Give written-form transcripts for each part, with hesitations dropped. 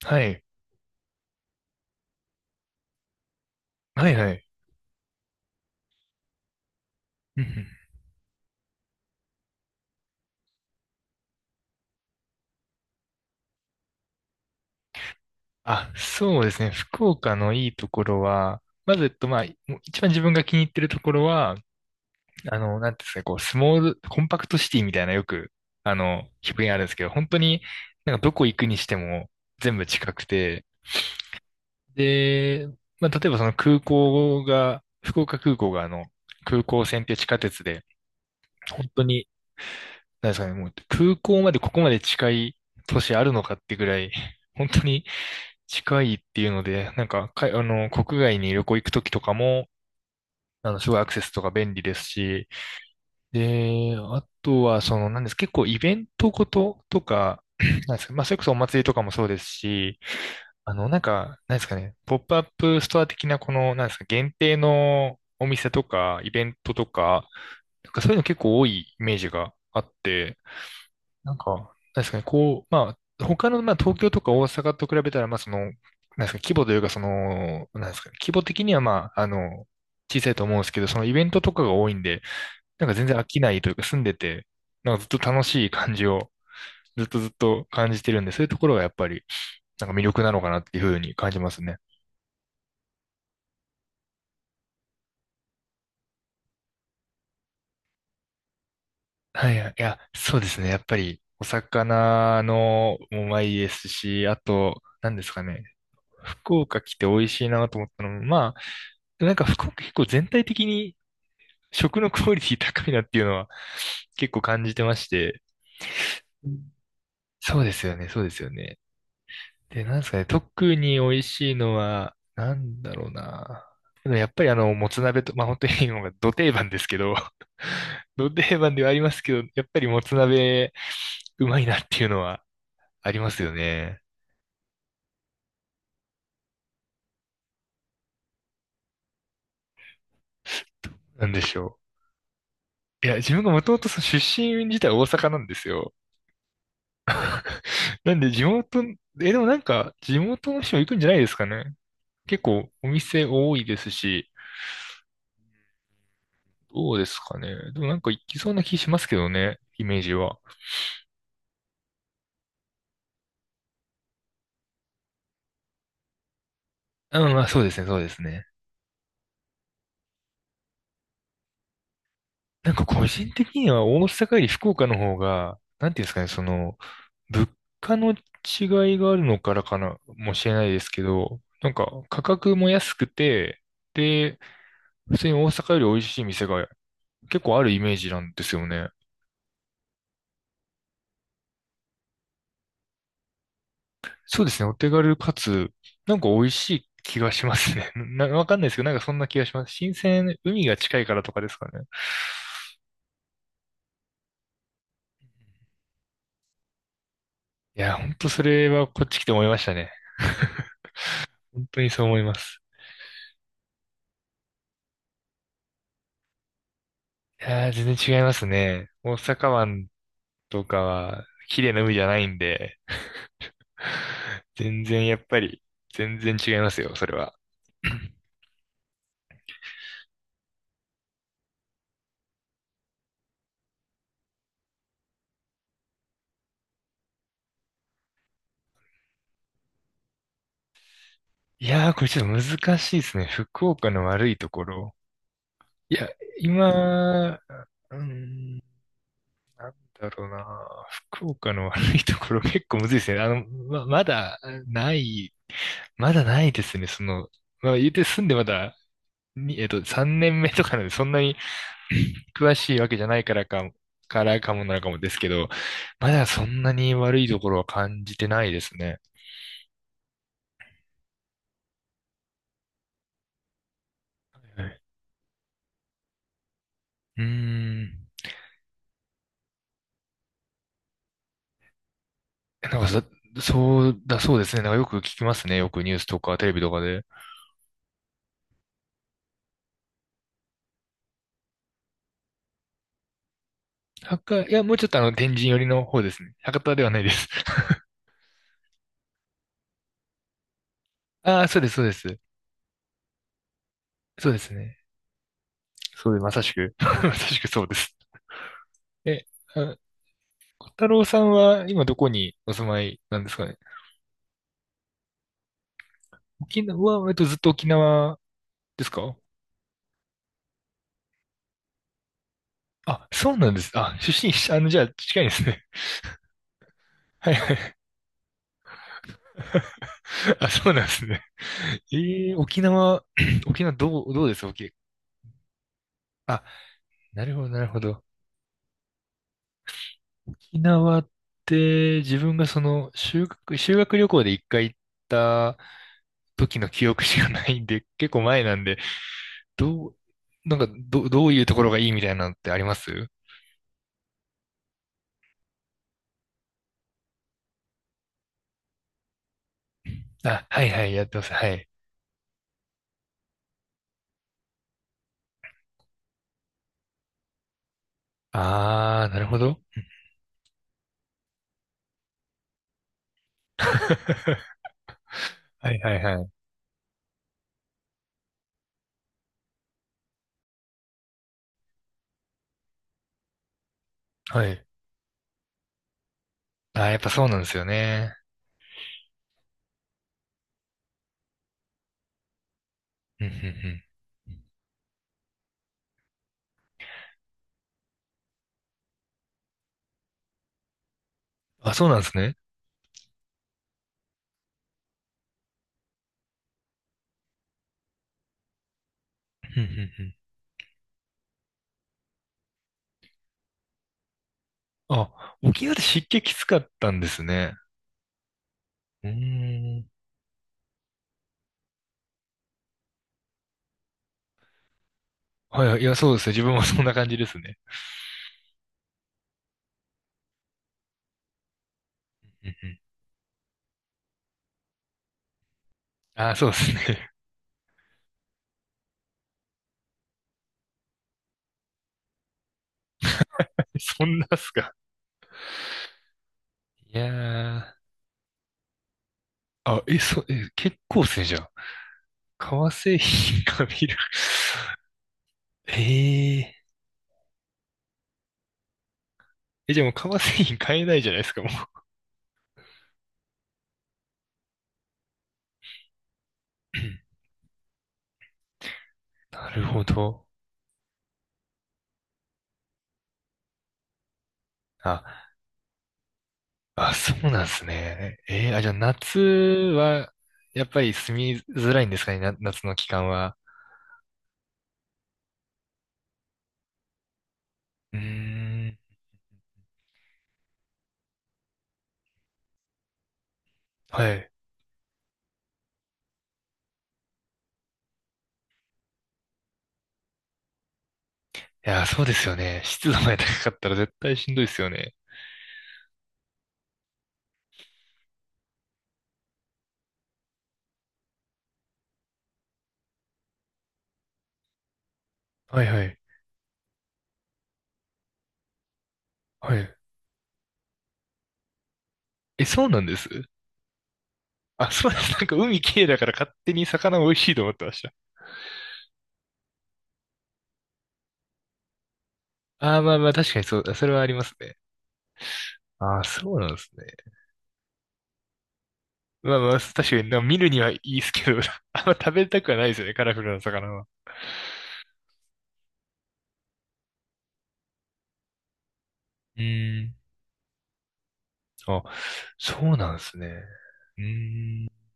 はい。はいはい。うんうん。あ、そうですね。福岡のいいところは、まず、まあ、もう一番自分が気に入ってるところは、あの、なんていうんですかね、こう、スモール、コンパクトシティみたいなよく、あの、表現あるんですけど、本当になんかどこ行くにしても全部近くて、で、まあ、例えばその空港が、福岡空港があの、空港線っていう地下鉄で、本当に、なんですかね、もう空港までここまで近い都市あるのかってぐらい、本当に近いっていうので、なんか、あの、国外に旅行行くときとかも、あの、すごいアクセスとか便利ですし、で、あとは、その、なんです、結構イベントごととか、なんですか、まあ、それこそお祭りとかもそうですし、あの、なんか、なんですかね、ポップアップストア的な、この、なんですか、限定のお店とか、イベントとか、なんかそういうの結構多いイメージがあって、なんか、確かにこう、まあ、他の、まあ、東京とか大阪と比べたら、まあ、その、なんですか、規模というか、その、なんですか、規模的には、まあ、あの、小さいと思うんですけど、そのイベントとかが多いんで、なんか全然飽きないというか、住んでて、なんかずっと楽しい感じを、ずっとずっと感じてるんで、そういうところがやっぱり、なんか魅力なのかなっていうふうに感じますね。はいはい、いや、そうですね。やっぱり、お魚のもうまいですし、あと、何ですかね。福岡来て美味しいなと思ったのも、まあ、なんか福岡結構全体的に食のクオリティ高いなっていうのは結構感じてまして。うん。そうですよね、そうですよね。で、なんですかね、特に美味しいのは、なんだろうな。でもやっぱりあの、もつ鍋と、まあ本当に今がど定番ですけど、ど定番ではありますけど、やっぱりもつ鍋、うまいなっていうのはありますよね。なんでしょう。いや、自分がもともとその出身自体大阪なんですよ。なんで地元、え、でもなんか、地元の人も行くんじゃないですかね。結構お店多いですし、どうですかね。でもなんか行きそうな気しますけどね、イメージは。うん、まあそうですね、そうですね。なんか個人的には大阪より福岡の方が、なんていうんですかね、その、物価の違いがあるのからかな、もしれないですけど、なんか価格も安くて、で、普通に大阪より美味しい店が結構あるイメージなんですよね。そうですね。お手軽かつ、なんか美味しい気がしますね。わかんないですけど、なんかそんな気がします。新鮮、海が近いからとかですかね。いや、ほんとそれはこっち来て思いましたね。本当にそう思います。いやー、全然違いますね。大阪湾とかは綺麗な海じゃないんで、全然やっぱり、全然違いますよ、それは。いやー、これちょっと難しいですね。福岡の悪いところ。いや、今、うん、なんだろうな。福岡の悪いところ結構むずいですね。あの、ない、まだないですね。その、まあ、言うて住んでまだ、にえっと、3年目とかなんで、そんなに 詳しいわけじゃないからか、もなのかもですけど、まだそんなに悪いところは感じてないですね。はい。うーん。なんかそうだ、そうですね。なんかよく聞きますね。よくニュースとかテレビとかで。博多、いや、もうちょっとあの、天神寄りの方ですね。博多ではないです。ああ、そうです、そうです。そうですね。そうです。まさしく。まさしくそうです。え、あ、小太郎さんは今どこにお住まいなんですかね。沖縄は、ずっと沖縄ですか？あ、そうなんです。あ、出身、あの、じゃあ、近いですね。はいはい。あ、そうなんですね。沖縄、沖縄どう、どうですあ、なるほど、なるほど。沖縄って自分がその修学旅行で一回行った時の記憶しかないんで、結構前なんで、どう、なんかどういうところがいいみたいなのってあります？あ、はいはい、やってます。はい。あー、なるほど。はいはいはい。はい。あー、やっぱそうなんですよね。うんうんうん。あ、そうなんですね。うんうんうん。あ、沖縄って湿気きつかったんですね。うーん。はいはい、いや、そうですね。自分もそんな感じですね。うんうん。あー、そうですね。そんなっすか。いやー、あ、え、え、結構っすね、じゃあ。革製品が見る。えええ、じゃあもう革製品買えないじゃないですか、もう。なるほど。あ、あ、そうなんですね。あ、じゃあ夏は、やっぱり住みづらいんですかね、夏の期間は。うーん、はい。いや、そうですよね。湿度が高かったら絶対しんどいですよね。はいはい。はい。え、そうなんです？あ、そうです。なんか海綺麗だから勝手に魚美味しいと思ってました。ああ、まあまあ確かにそうだ。それはありますね。ああ、そうなんですね。まあまあ、確かになんか見るにはいいですけど、あんま食べたくはないですよね、カラフルな魚は。うーん。あ、そうなんですね。うーん。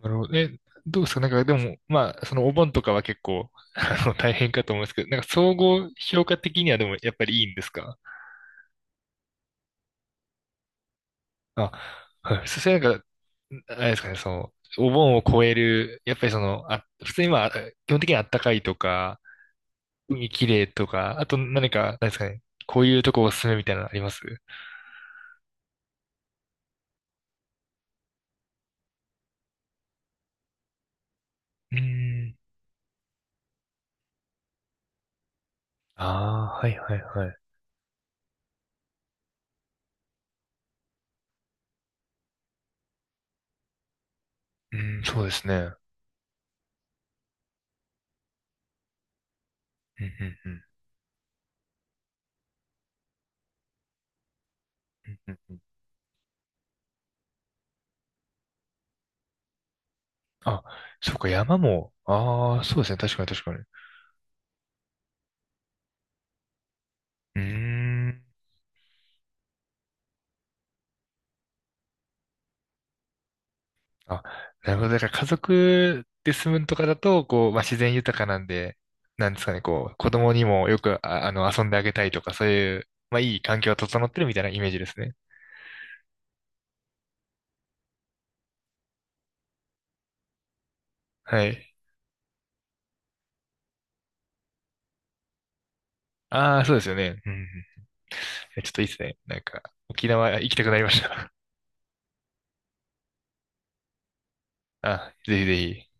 なるほど。え、どうですかなんかでも、まあ、そのお盆とかは結構、あの、大変かと思うんですけど、なんか総合評価的にはでもやっぱりいいんですか？あ、はい。それなんか、あれですかね、その、お盆を超える、やっぱりその、あ、普通にまあ、基本的にあったかいとか、海きれいとか、あと何か、何ですかね、こういうとこおすすめみたいなのあります？うーん。ああ、はいはいはい。うん、そうですね。うん、うん、うん。うんうんうん。あ、そうか、山も、ああ、そうですね、確かに確かに。うーん。あ、なるほど。だから家族で住むとかだと、こう、まあ、自然豊かなんで、なんですかね、こう、子供にもよく、あ、あの、遊んであげたいとか、そういう、まあ、いい環境が整ってるみたいなイメージですね。はい。ああ、そうですよね。うんうん。いや、ちょっといいですね。なんか、沖縄行きたくなりました。あ、ぜひぜひ。